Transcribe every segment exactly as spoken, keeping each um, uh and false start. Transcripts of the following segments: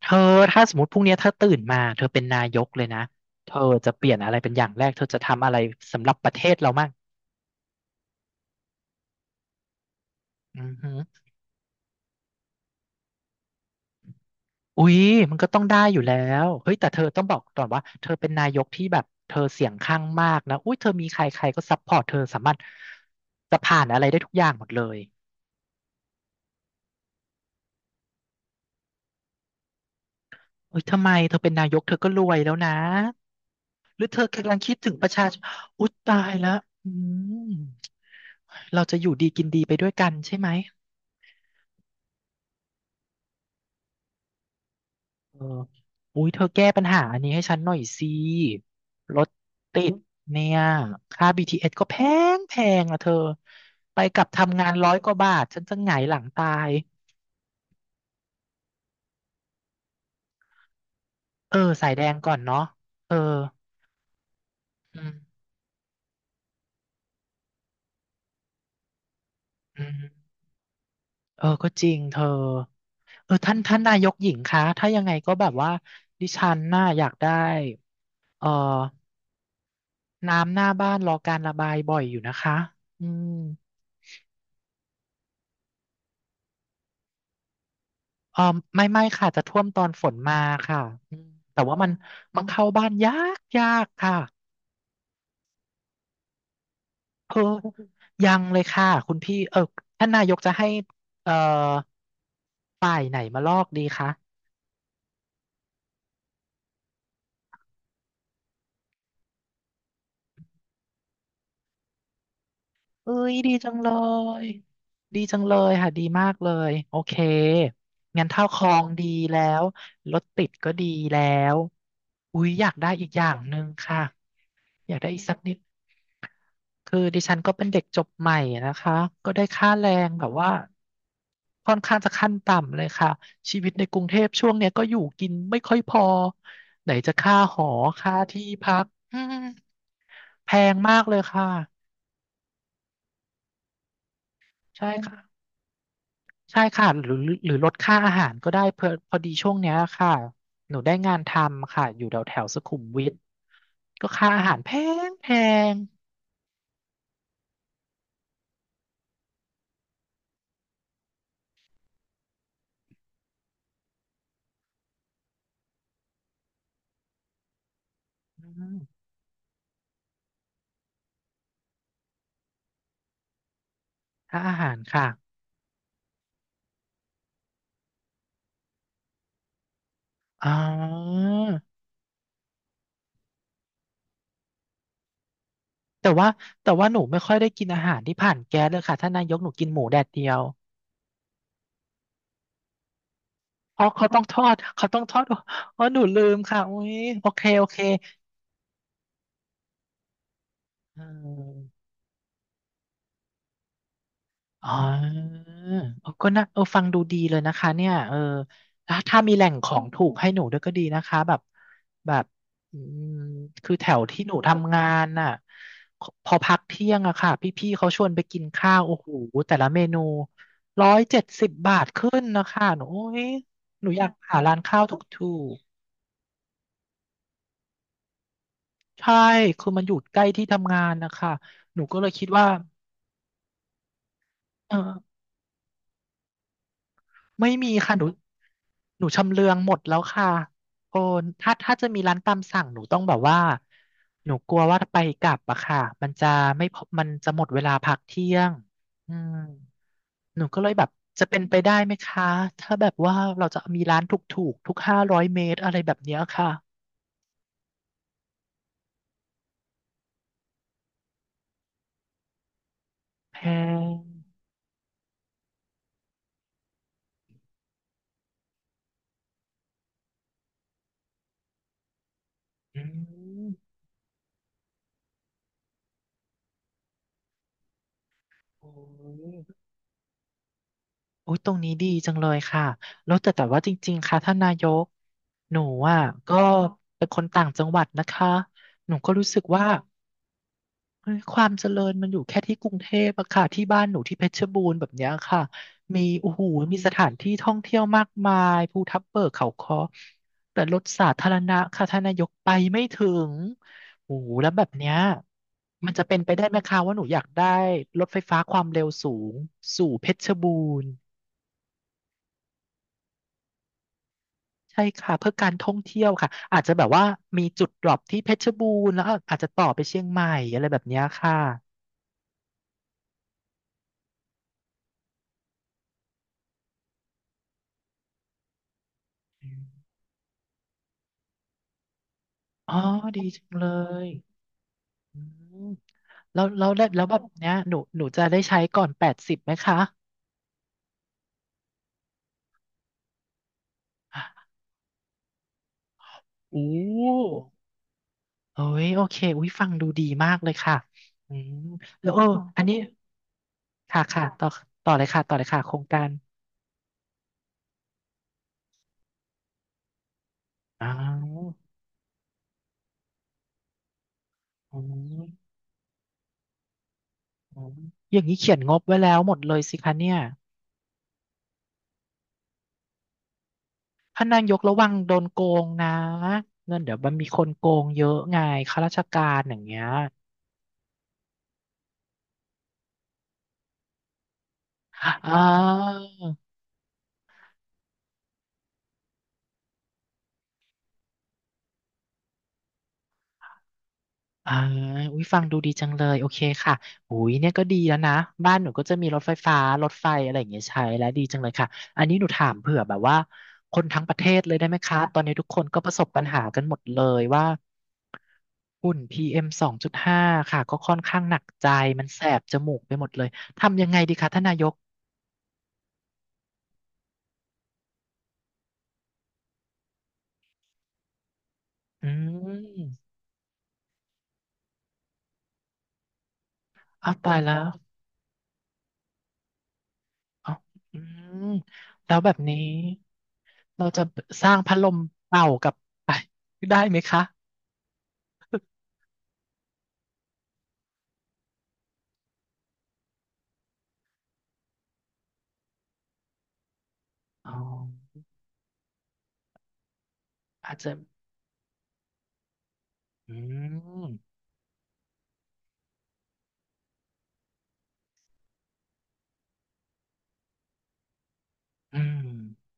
เธอถ้าสมมติพรุ่งนี้เธอตื่นมาเธอเป็นนายกเลยนะเธอจะเปลี่ยนอะไรเป็นอย่างแรกเธอจะทำอะไรสำหรับประเทศเรามั่งอือหืออุ๊ยมันก็ต้องได้อยู่แล้วเฮ้ยแต่เธอต้องบอกก่อนว่าเธอเป็นนายกที่แบบเธอเสียงข้างมากนะอุ้ยเธอมีใครใครก็ซัพพอร์ตเธอสามารถจะผ่านอะไรได้ทุกอย่างหมดเลยเอ้ยทำไมเธอเป็นนายกเธอก็รวยแล้วนะหรือเธอกำลังคิดถึงประชาชนอุ๊ยตายแล้วอืมเราจะอยู่ดีกินดีไปด้วยกันใช่ไหม เอออุ้ยเธอแก้ปัญหาอันนี้ให้ฉันหน่อยสิรถติดเนี่ย ค่า บี ที เอส ก็แพงแพงอะเธอ ไปกลับทำงานร้อยกว่าบาทฉันจะหงายหลังตาย เออสายแดงก่อนเนาะเอออืมอืมเออ ก็จริงเธอ เออ ท่านท่านนายกหญิงคะ ถ้ายังไงก็แบบว่าดิฉันน่าอยากได้เออน้ำหน้าบ้านรอการระบายบ่อยอยู่นะคะอืม เออไม่ไม่ค่ะจะท่วมตอนฝนมาค่ะอืมแต่ว่ามันมันเข้าบ้านยากยากค่ะเออยังเลยค่ะคุณพี่เออท่านนายกจะให้เออค่ะเอ้ยดีจังเลยดีจังเลยค่ะดีมากเลยโอเคงั้นเท่าคลองดีแล้วรถติดก็ดีแล้วอุ๊ยอยากได้อีกอย่างหนึ่งค่ะอยากได้อีกสักนิด คือดิฉันก็เป็นเด็กจบใหม่นะคะก็ได้ค่าแรงแบบว่าค่อนข้างจะขั้นต่ำเลยค่ะชีวิตในกรุงเทพช่วงเนี้ยก็อยู่กินไม่ค่อยพอไหนจะค่าหอค่าที่พักอืมแพงมากเลยค่ะใช่ค่ะใช่ค่ะหรือหรือลดค่าอาหารก็ได้เพอพอดีช่วงเนี้ยค่ะหนูได้งานทำค่ะอยู่แถวแถวสุขุมวิทก็ค่าอาหารแพงแพงอืมค่าอาหารค่ะอ๋อ แต่ว่าแต่ว่าหนูไม่ค่อยได้กินอาหารที่ผ่านแก๊สเลยค่ะท่านนายกหนูกินหมูแดดเดียวอ๋อเขาต้องทอดเขาต้องทอดอ๋อหนูลืมค่ะอุ้ยโอเคโอเคเออ อ๋อเออก็น่าเออฟังดูดีเลยนะคะเนี่ยเออถ้าถ้ามีแหล่งของถูกให้หนูด้วยก็ดีนะคะแบบแบบอืมคือแถวที่หนูทำงานน่ะพอพักเที่ยงอะค่ะพี่ๆเขาชวนไปกินข้าวโอ้โหแต่ละเมนูร้อยเจ็ดสิบบาทขึ้นนะคะหนูโอ้ยหนูอยากหาร้านข้าวถูกๆใช่คือมันอยู่ใกล้ที่ทำงานนะคะหนูก็เลยคิดว่าเออ ไม่มีค่ะหนูหนูชำเลืองหมดแล้วค่ะโอ้ถ้าถ้าจะมีร้านตามสั่งหนูต้องแบบว่าหนูกลัวว่าไปกลับอะค่ะมันจะไม่พอมันจะหมดเวลาพักเที่ยงอืมหนูก็เลยแบบจะเป็นไปได้ไหมคะถ้าแบบว่าเราจะมีร้านถูกถูกทุกห้าร้อยเมตรอะไรแบบเนี้ยค่ะแพงอืมโอ้ย โอ้ยตรงนี้ดีจังเลยค่ะแล้วแต่แต่ว่าจริงๆค่ะท่านนายกหนูอ่ะก็เป็นคนต่างจังหวัดนะคะหนูก็รู้สึกว่าเฮ้ยความเจริญมันอยู่แค่ที่กรุงเทพอะค่ะที่บ้านหนูที่เพชรบูรณ์แบบเนี้ยค่ะมีโอ้โหมีสถานที่ท่องเที่ยวมากมายภูทับเบิกเขาค้อแต่รถสาธารณะค่ะท่านนายกไปไม่ถึงโอ้โหแล้วแบบเนี้ยมันจะเป็นไปได้ไหมคะว่าหนูอยากได้รถไฟฟ้าความเร็วสูงสู่เพชรบูรณ์ ใช่ค่ะเพื่อการท่องเที่ยวค่ะอาจจะแบบว่ามีจุดดรอปที่เพชรบูรณ์แล้วอาจจะต่อไปเชียงใหม่อะไรแบบเนี้ยค่ะอ๋อดีจังเลยอืมแล้วแล้วแล้วแล้วแบบเนี้ยหนูหนูจะได้ใช้ก่อนแปดสิบไหมคะอะอู้เอ้ยโอเคอุ้ยฟังดูดีมากเลยค่ะอืมแล้วเอออันนี้ค่ะค่ะต่อต่อเลยค่ะต่อเลยค่ะโครงการอ้าวอมอมอย่างนี้เขียนงบไว้แล้วหมดเลยสิคะเนี่ย พ่านนายกระวังโดนโกงนะเงินเดี๋ยวมันมีคนโกงเยอะไงข้าราชการอย่างเงี้ยอ่าอ่าอุ้ยฟังดูดีจังเลยโอเคค่ะอุ้ยเนี่ยก็ดีแล้วนะบ้านหนูก็จะมีรถไฟฟ้ารถไฟอะไรอย่างเงี้ยใช้แล้วดีจังเลยค่ะอันนี้หนูถามเผื่อแบบว่าคนทั้งประเทศเลยได้ไหมคะตอนนี้ทุกคนก็ประสบปัญหากันหมดเลยว่าฝุ่น พี เอ็ม สองจุดห้าค่ะก็ค่อนข้างหนักใจมันแสบจมูกไปหมดเลยทำยังไงดีคะท่านนายกอืม อ้าวตายแล้วอ๋ออืมแล้วแบบนี้เราจะสร้างพัดลมเป่ากลับไปได้ไหมคะอ๋ออาจจะอืมอืม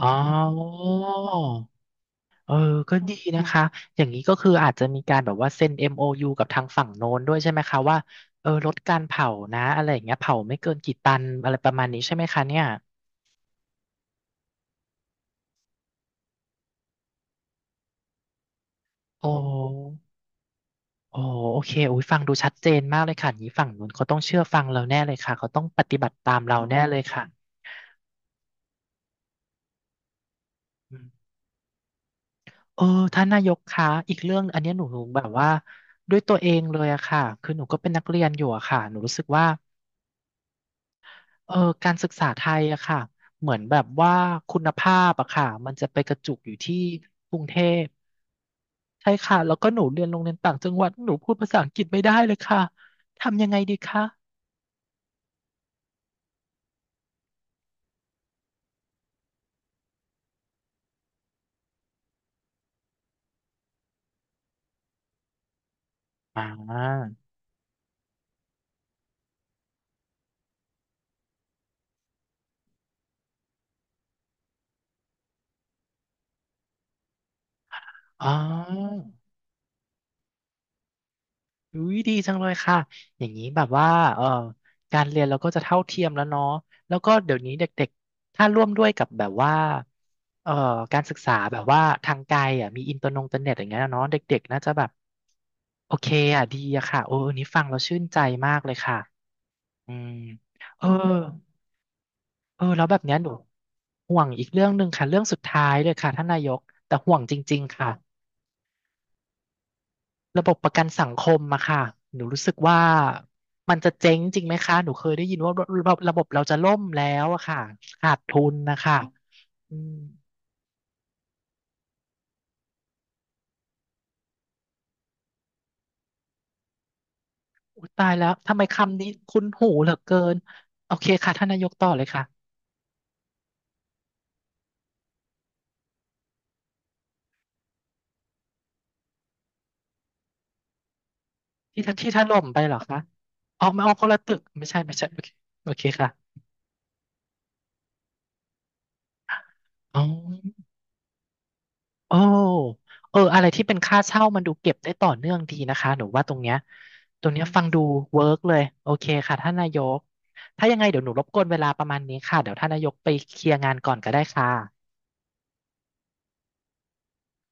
อ๋อเออก็ดีนะคะอย่างนี้ก็คืออาจจะมีการแบบว่าเซ็น เอ็ม โอ ยู กับทางฝั่งโน้นด้วยใช่ไหมคะว่าเออลดการเผานะอะไรอย่างเงี้ยเผาไม่เกินกี่ตันอะไรประมาณนี้ใช่ไหมคะเนี่ยโอ้ โอ้โอเคอุ้ยฟังดูชัดเจนมากเลยค่ะอย่างนี้ฝั่งนู้นเขาต้องเชื่อฟังเราแน่เลยค่ะเขาต้องปฏิบัติตามเราแน่เลยค่ะอืมเออท่านนายกคะอีกเรื่องอันเนี้ยหนูหนูแบบว่าด้วยตัวเองเลยอะค่ะคือหนูก็เป็นนักเรียนอยู่อะค่ะหนูรู้สึกว่าเออการศึกษาไทยอะค่ะเหมือนแบบว่าคุณภาพอะค่ะมันจะไปกระจุกอยู่ที่กรุงเทพใช่ค่ะแล้วก็หนูเรียนโรงเรียนต่างจังหวัดหนูพูดภาษาอังกฤษไม่ได้เลยค่ะทำยังไงดีคะอ่าอ๋อ อุ้ยดีจังเลยค่ะ อย่างนี้แบบว่าเออการเรียนเราก็จะเท่าเทียมแล้วเนาะแล้วก็เดี๋ยวนี้เด็กๆ ถ้าร่วมด้วยกับแบบว่าเอ่อการศึกษาแบบว่าทางไกลอ่ะมีอินเตอร์นงเตอร์เน็ตอย่างเงี้ยเนาะเด็กๆน่าจะแบบโอเคอ่ะดีอะค่ะโอ้อันนี้ฟังเราชื่นใจมากเลยค่ะอืมเออเออแล้วแบบเนี้ยหนูห่วงอีกเรื่องหนึ่งค่ะเรื่องสุดท้ายเลยค่ะท่านนายกแต่ห่วงจริงๆค่ะ ระบบประกันสังคมอะค่ะหนูรู้สึกว่ามันจะเจ๊งจริงไหมคะหนูเคยได้ยินว่าระบบระบบเราจะล่มแล้วอะค่ะขาดทุนนะคะอืมอุ๊ยตายแล้วทำไมคำนี้คุ้นหูเหลือเกินโอเคค่ะท่านนายกต่อเลยค่ะที่ท่านที่ท่านล่มไปเหรอคะอ๋อไม่เอาคนละตึกไม่ใช่ไม่ใช่โอเคโอเคค่ะอ๋อ โอ้เอออะไรที่เป็นค่าเช่ามันดูเก็บได้ต่อเนื่องดีนะคะ หนูว่าตรงเนี้ย ตรงเนี้ยฟังดูเวิร์กเลย โอเคค่ะท่านนายก ถ้ายังไงเดี๋ยวหนูรบกวนเวลาประมาณนี้ค่ะ เดี๋ยวท่านนายกไปเคลียร์งานก่อนก็ได้ค่ะ